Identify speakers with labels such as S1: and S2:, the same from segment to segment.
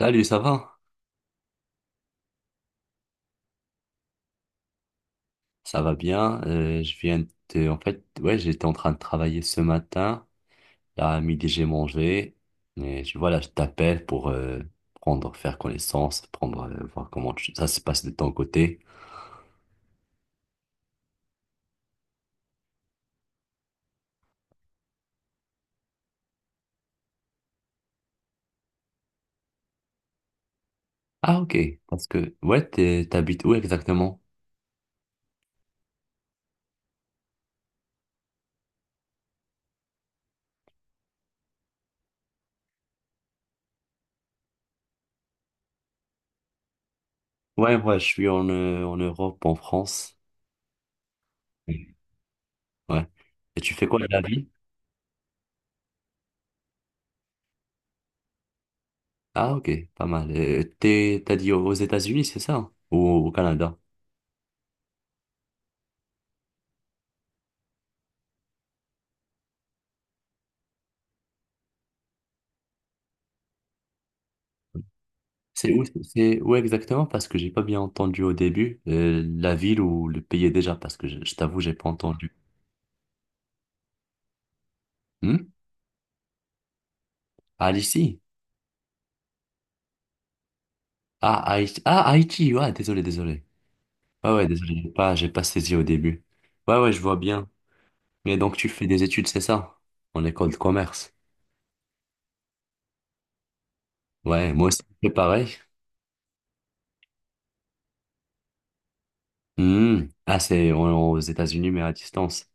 S1: Salut, ça va? Ça va bien. Je viens de, en fait, ouais, j'étais en train de travailler ce matin. Là, à midi, j'ai mangé. Je t'appelle pour prendre, faire connaissance, voir comment ça se passe de ton côté. Ah, ok. Parce que, ouais, t'habites où exactement? Ouais, ouais, je suis en, en Europe, en France. Oui. Ouais. Et tu fais quoi de la vie? Ah, ok, pas mal. T'as dit aux États-Unis, c'est ça? Ou au Canada? C'est où? C'est où exactement, parce que j'ai pas bien entendu au début la ville ou le pays déjà, parce que je t'avoue, j'ai pas entendu. Hmm. Ah, ici? Ah, Haïti. Ah, Haïti, ouais, désolé, désolé. Ouais, ouais, désolé, j'ai pas saisi au début. Ouais, ouais, je vois bien. Mais donc, tu fais des études, c'est ça? En école de commerce. Ouais, moi aussi, c'est pareil. Hmm. Ah, aux États-Unis, mais à distance.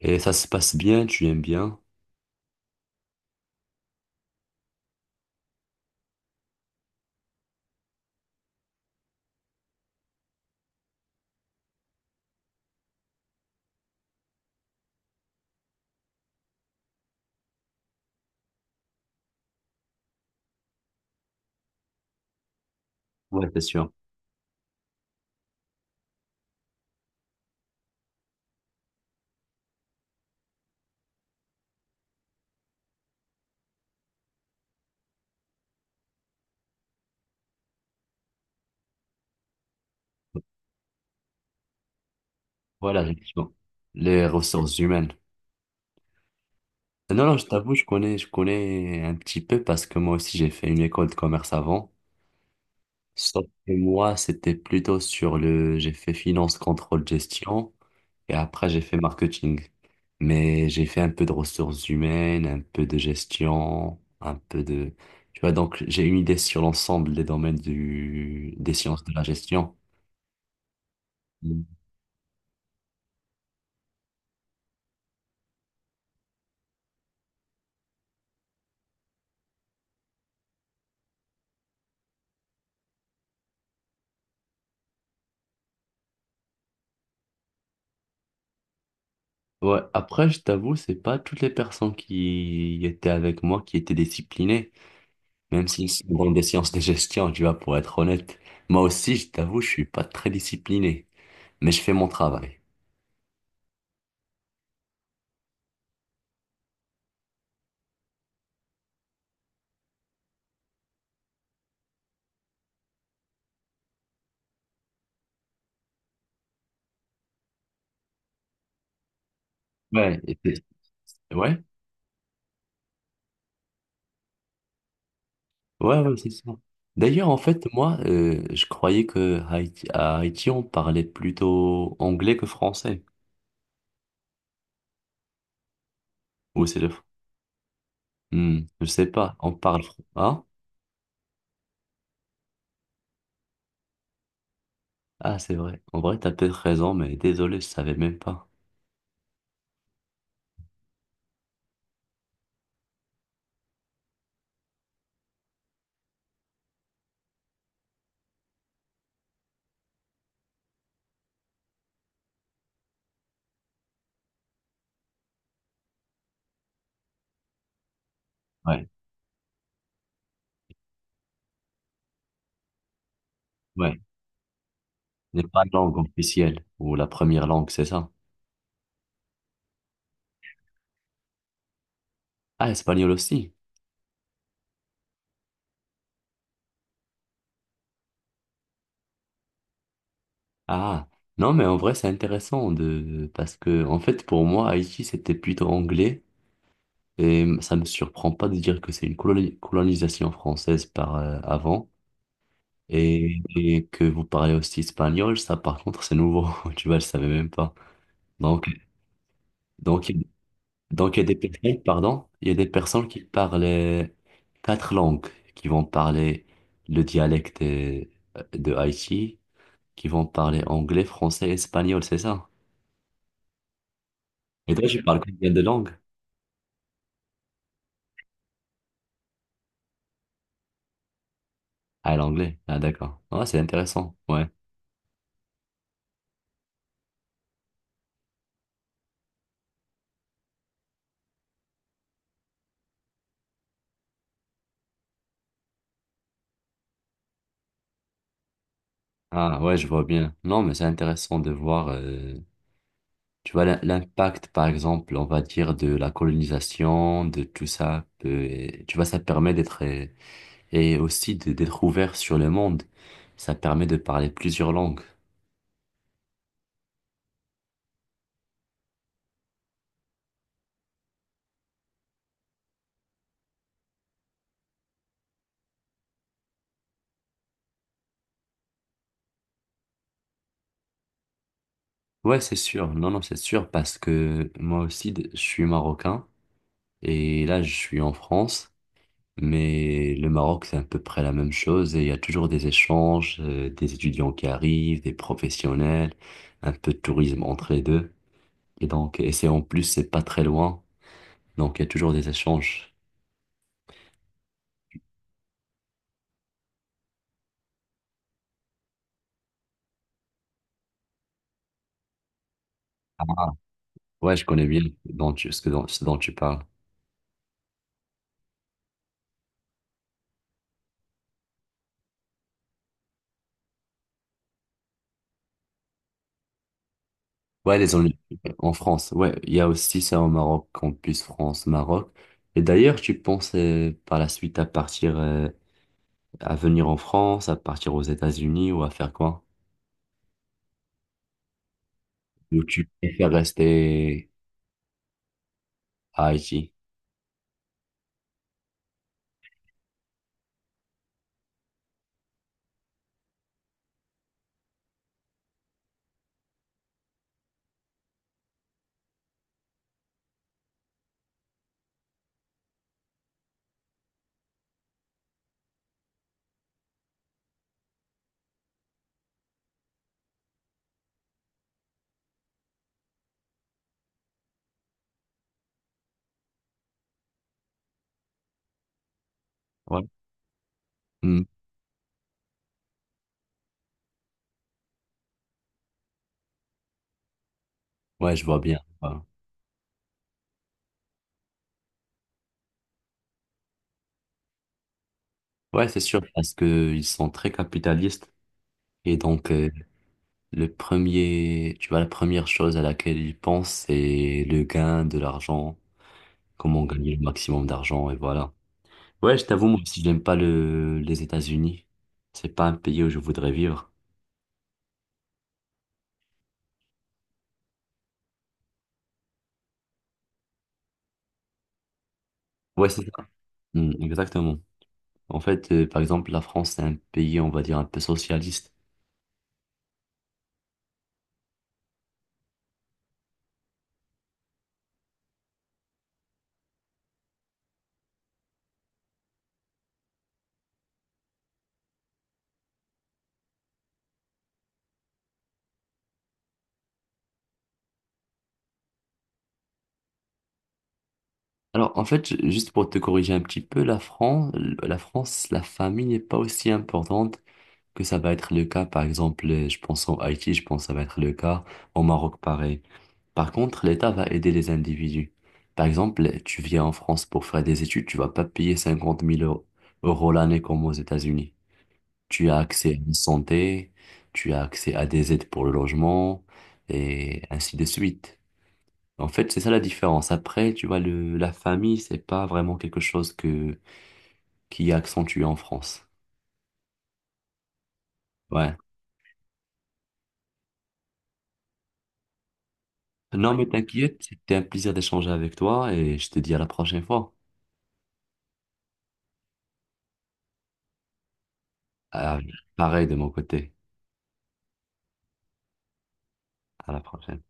S1: Et ça se passe bien, tu aimes bien? Ouais, c'est sûr. Voilà, effectivement. Les ressources humaines. Non, non, je t'avoue, je connais un petit peu parce que moi aussi j'ai fait une école de commerce avant. Sauf que moi, c'était plutôt sur j'ai fait finance, contrôle, gestion et après j'ai fait marketing. Mais j'ai fait un peu de ressources humaines, un peu de gestion, tu vois, donc j'ai une idée sur l'ensemble des domaines des sciences de la gestion. Mm. Ouais, après, je t'avoue, c'est pas toutes les personnes qui étaient avec moi qui étaient disciplinées. Même si c'est dans des sciences de gestion, tu vois, pour être honnête, moi aussi, je t'avoue, je suis pas très discipliné, mais je fais mon travail. Ouais, et c'est- ouais, ouais, c'est ça. D'ailleurs, en fait, moi, je croyais que à Haïti, on parlait plutôt anglais que français. Ou c'est hmm, je sais pas, on hein? Ah, c'est vrai. En vrai, t'as peut-être raison, mais désolé, je savais même pas. Ouais, ouais. N'est pas la langue officielle, ou la première langue, c'est ça. Ah, espagnol aussi. Ah, non, mais en vrai, c'est intéressant parce que, en fait, pour moi, Haïti, c'était plutôt anglais et ça me surprend pas de dire que c'est une colonisation française par avant et que vous parlez aussi espagnol. Ça, par contre, c'est nouveau. Tu vois, je savais même pas. Donc, donc, il- donc, il y a des personnes, pardon, il y a des personnes qui parlent quatre langues, qui vont parler le dialecte de Haïti, qui vont parler anglais, français, espagnol, c'est ça? Et toi, tu parles combien de langues? Ah, l'anglais. Ah, d'accord. Ah, c'est intéressant. Ouais. Ah, ouais, je vois bien. Non, mais c'est intéressant de voir, tu vois, l'impact, par exemple, on va dire, de la colonisation, de tout ça. Et tu vois, ça permet d'être, et aussi d'être ouvert sur le monde. Ça permet de parler plusieurs langues. Ouais, c'est sûr. Non, non, c'est sûr, parce que moi aussi, je suis marocain. Et là, je suis en France. Mais le Maroc, c'est à peu près la même chose et il y a toujours des échanges, des étudiants qui arrivent, des professionnels, un peu de tourisme entre les deux. Et donc, et c'est en plus, c'est pas très loin, donc il y a toujours des échanges. Ouais, je connais bien dont tu- ce que, dont- ce dont tu parles. Ouais, les en, en France. Ouais, il y a aussi ça au Maroc, campus France, Maroc. Et d'ailleurs, tu penses par la suite à partir, à venir en France, à partir aux États-Unis ou à faire quoi? Ou tu préfères rester à Haïti? Ouais. Mm. Ouais, je vois bien. Ouais. Ouais, c'est sûr, parce que ils sont très capitalistes. Et donc, le premier, tu vois, la première chose à laquelle ils pensent, c'est le gain de l'argent, comment gagner le maximum d'argent, et voilà. Ouais, je t'avoue, moi aussi, j'aime pas les États-Unis. C'est pas un pays où je voudrais vivre. Ouais, c'est ça. Mm, exactement. En fait, par exemple, la France, c'est un pays, on va dire, un peu socialiste. Alors, en fait, juste pour te corriger un petit peu, la France, la famille n'est pas aussi importante que ça va être le cas, par exemple, je pense en Haïti, je pense que ça va être le cas, au Maroc, pareil. Par contre, l'État va aider les individus. Par exemple, tu viens en France pour faire des études, tu vas pas payer 50 000 euros euros l'année comme aux États-Unis. Tu as accès à une santé, tu as accès à des aides pour le logement, et ainsi de suite. En fait, c'est ça la différence. Après, tu vois, la famille, c'est pas vraiment quelque chose qui est accentué en France. Ouais. Non, mais t'inquiète, c'était un plaisir d'échanger avec toi et je te dis à la prochaine fois. Ah, pareil de mon côté. À la prochaine.